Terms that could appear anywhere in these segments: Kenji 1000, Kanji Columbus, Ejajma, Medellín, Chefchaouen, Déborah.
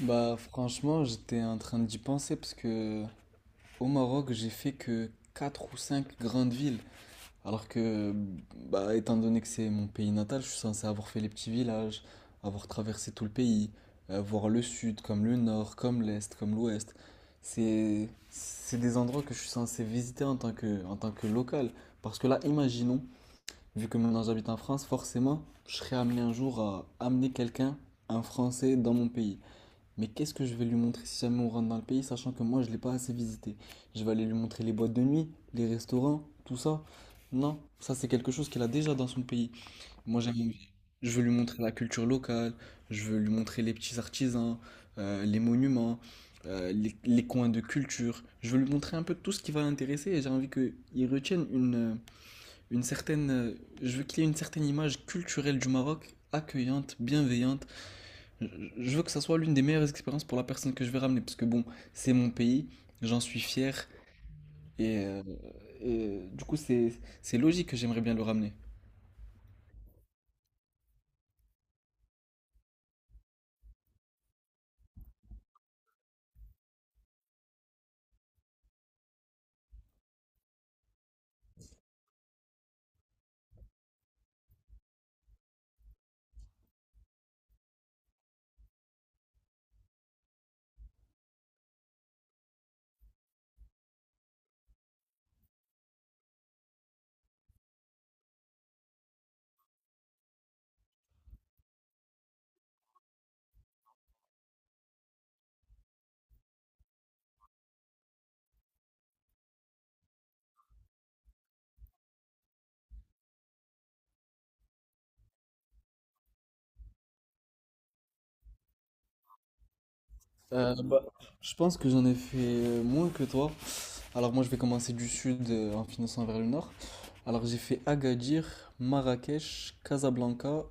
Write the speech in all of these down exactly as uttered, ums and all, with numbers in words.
Bah franchement, j'étais en train d'y penser parce que au Maroc, j'ai fait que quatre ou cinq grandes villes. Alors que, bah, étant donné que c'est mon pays natal, je suis censé avoir fait les petits villages, avoir traversé tout le pays, euh, voir le sud comme le nord, comme l'est, comme l'ouest. C'est, c'est des endroits que je suis censé visiter en tant que, en tant que local. Parce que là, imaginons, vu que maintenant j'habite en France, forcément, je serai amené un jour à amener quelqu'un, un Français, dans mon pays. Mais qu'est-ce que je vais lui montrer si jamais on rentre dans le pays, sachant que moi je l'ai pas assez visité. Je vais aller lui montrer les boîtes de nuit, les restaurants, tout ça. Non, ça c'est quelque chose qu'elle a déjà dans son pays. Moi j'aime, je veux lui montrer la culture locale, je veux lui montrer les petits artisans, euh, les monuments, euh, les, les coins de culture. Je veux lui montrer un peu tout ce qui va l'intéresser et j'ai envie qu'il retienne une, euh, une certaine, euh, je veux qu'il ait une certaine image culturelle du Maroc, accueillante, bienveillante. je je veux que ça soit l'une des meilleures expériences pour la personne que je vais ramener, parce que bon, c'est mon pays, j'en suis fier, et, euh, et du coup, c'est, c'est logique que j'aimerais bien le ramener. Euh, bah, je pense que j'en ai fait moins que toi. Alors moi, je vais commencer du sud euh, en finançant vers le nord. Alors j'ai fait Agadir, Marrakech, Casablanca,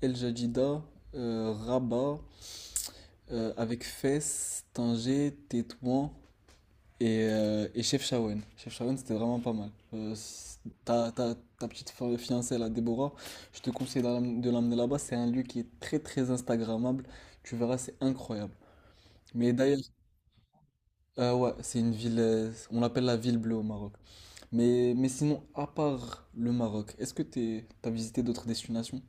El Jadida, euh, Rabat, euh, avec Fès, Tanger, Tétouan. Et, euh, et Chef Shawen. Chef Shawen, c'était vraiment pas mal. Euh, c- ta, ta, ta petite fi- fiancée, là, Déborah, je te conseille de l'am- de l'emmener là-bas. C'est un lieu qui est très, très Instagrammable. Tu verras, c'est incroyable. Mais d'ailleurs, euh, ouais, c'est une ville, euh, on l'appelle la ville bleue au Maroc. Mais, mais sinon, à part le Maroc, est-ce que t'es, t'as visité d'autres destinations?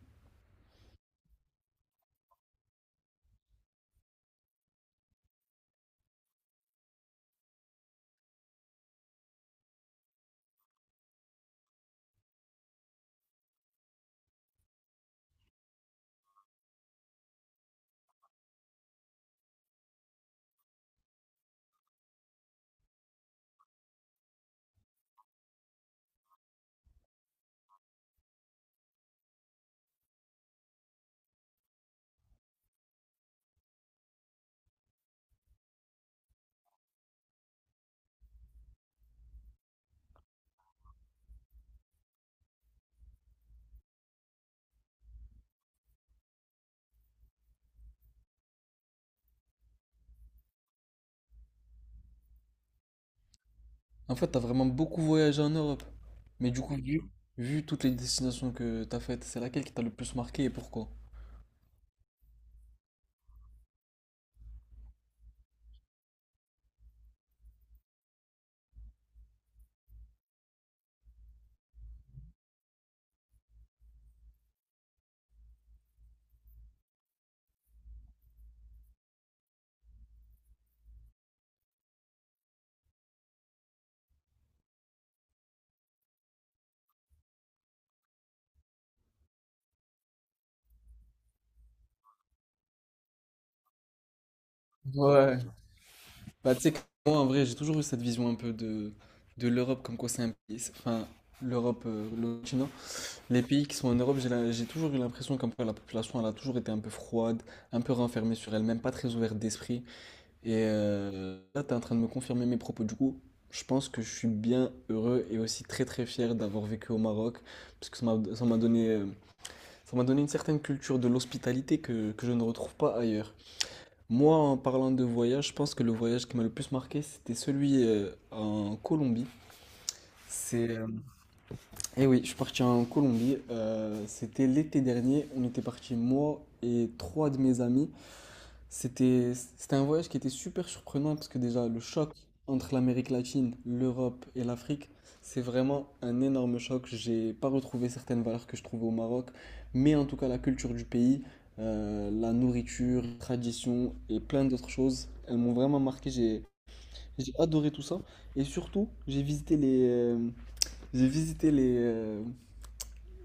En fait, t'as vraiment beaucoup voyagé en Europe. Mais du coup, vu, vu toutes les destinations que t'as faites, c'est laquelle qui t'a le plus marqué et pourquoi? Ouais. Bah, tu sais que moi, en vrai, j'ai toujours eu cette vision un peu de, de l'Europe, comme quoi c'est un pays. c'est- Enfin, l'Europe, euh, le continent. Les pays qui sont en Europe, j'ai la- j'ai toujours eu l'impression comme quoi la population, elle a toujours été un peu froide, un peu renfermée sur elle-même, pas très ouverte d'esprit. Et euh, là, t'es en train de me confirmer mes propos. Du coup, je pense que je suis bien heureux et aussi très très fier d'avoir vécu au Maroc, parce que ça m'a ça m'a donné, euh, ça m'a donné une certaine culture de l'hospitalité que, que je ne retrouve pas ailleurs. Moi, en parlant de voyage, je pense que le voyage qui m'a le plus marqué, c'était celui euh, en Colombie. C'est, euh, eh oui, je suis parti en Colombie. Euh, c'était l'été dernier. On était parti moi et trois de mes amis. C'était, c'était un voyage qui était super surprenant parce que déjà le choc entre l'Amérique latine, l'Europe et l'Afrique, c'est vraiment un énorme choc. J'ai pas retrouvé certaines valeurs que je trouvais au Maroc, mais en tout cas la culture du pays, euh, la nourriture, les traditions et plein d'autres choses, elles m'ont vraiment marqué. J'ai, j'ai adoré tout ça et surtout j'ai visité les, euh, j'ai visité les, euh,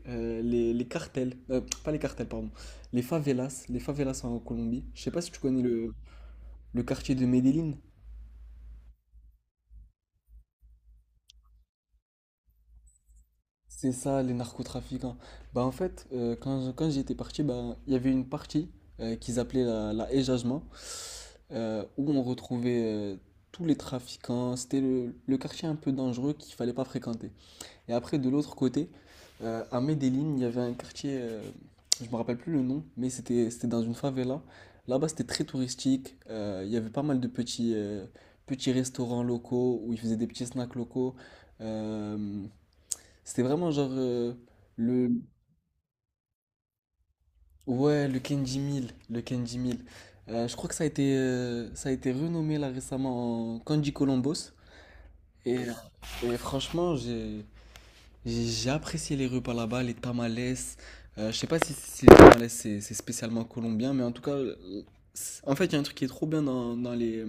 euh, les, les cartels, euh, pas les cartels pardon, les favelas, les favelas en Colombie. Je sais pas si tu connais le le quartier de Medellín, c'est ça les narcotrafiquants. Bah en fait, euh, quand, je- quand j'étais parti, bah, il y avait une partie euh, qu'ils appelaient la, la Ejajma, euh, où on retrouvait euh, tous les trafiquants. C'était le, le quartier un peu dangereux qu'il fallait pas fréquenter. Et après, de l'autre côté, euh, à Medellín, il y avait un quartier, euh, je me rappelle plus le nom, mais c'était c'était dans une favela. Là-bas, c'était très touristique. Euh, il y avait pas mal de petits, euh, petits restaurants locaux où ils faisaient des petits snacks locaux. Euh, C'était vraiment genre euh, le ouais le Kenji mille, le Kenji mille. Euh, je crois que ça a été euh, ça a été renommé là récemment en Kanji Columbus. et, et franchement j'ai j'ai apprécié les repas là-bas, les tamales. Euh, je sais pas si, si les tamales c'est c'est spécialement colombien, mais en tout cas, euh, c'est- en fait, il y a un truc qui est trop bien dans, dans les,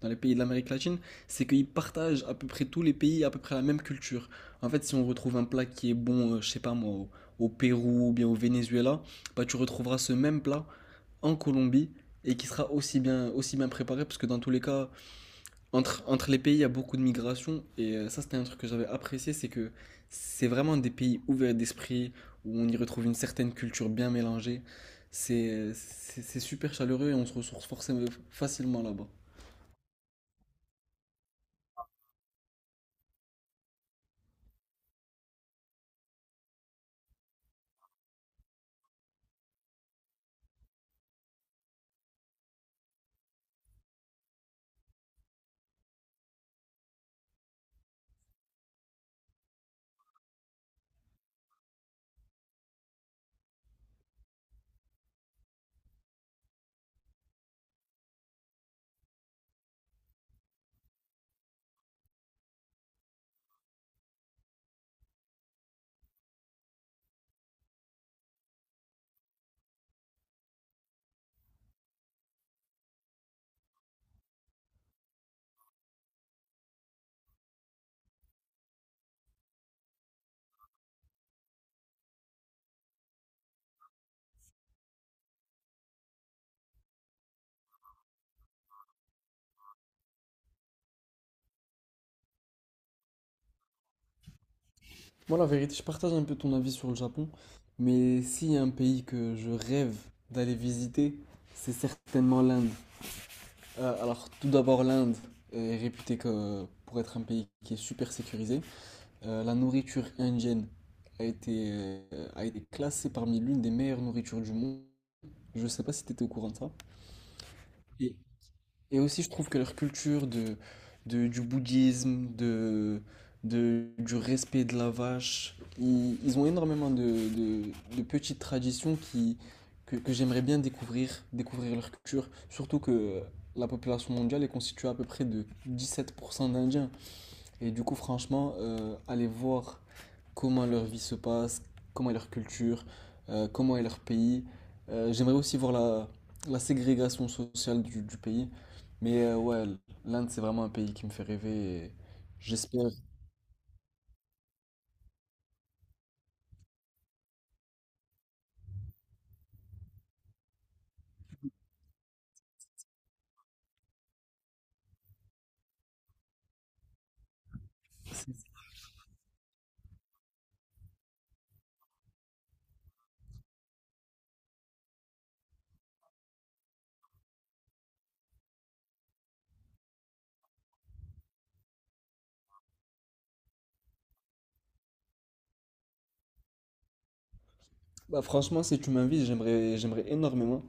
dans les pays de l'Amérique latine, c'est qu'ils partagent à peu près tous les pays à peu près la même culture. En fait, si on retrouve un plat qui est bon, euh, je sais pas moi, au, au Pérou ou bien au Venezuela, bah tu retrouveras ce même plat en Colombie et qui sera aussi bien, aussi bien préparé, parce que dans tous les cas, entre, entre les pays, il y a beaucoup de migration. Et euh, ça, c'était un truc que j'avais apprécié, c'est que c'est vraiment des pays ouverts d'esprit, où on y retrouve une certaine culture bien mélangée. C'est c'est- c'est super chaleureux et on se ressource forcément facilement là-bas. Moi, la vérité, je partage un peu ton avis sur le Japon, mais s'il y a un pays que je rêve d'aller visiter, c'est certainement l'Inde. Euh, alors, tout d'abord, l'Inde est réputée que- pour être un pays qui est super sécurisé. Euh, la nourriture indienne a été, euh, a été classée parmi l'une des meilleures nourritures du monde. Je ne sais pas si tu étais au courant de ça. Et, et aussi, je trouve que leur culture de, de- du bouddhisme, de, de- du respect de la vache, ils, ils ont énormément de, de- de petites traditions qui, que, que j'aimerais bien découvrir, découvrir leur culture. Surtout que la population mondiale est constituée à peu près de dix-sept pour cent d'Indiens. Et du coup, franchement, euh, aller voir comment leur vie se passe, comment est leur culture, euh, comment est leur pays. Euh, j'aimerais aussi voir la, la ségrégation sociale du, du pays. Mais euh, ouais, l'Inde, c'est vraiment un pays qui me fait rêver. et J'espère. c'est- Bah, franchement, si tu m'invites, j'aimerais, j'aimerais énormément.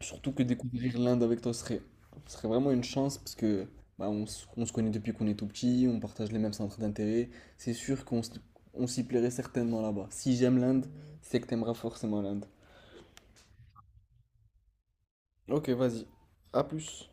Surtout que découvrir l'Inde avec toi serait, serait vraiment une chance parce que bah, on, se on se connaît depuis qu'on est tout petit, on partage les mêmes centres d'intérêt. C'est sûr qu'on s- on s'y plairait certainement là-bas. Si j'aime l'Inde, c'est que t'aimeras forcément l'Inde. Ok, vas-y. À plus.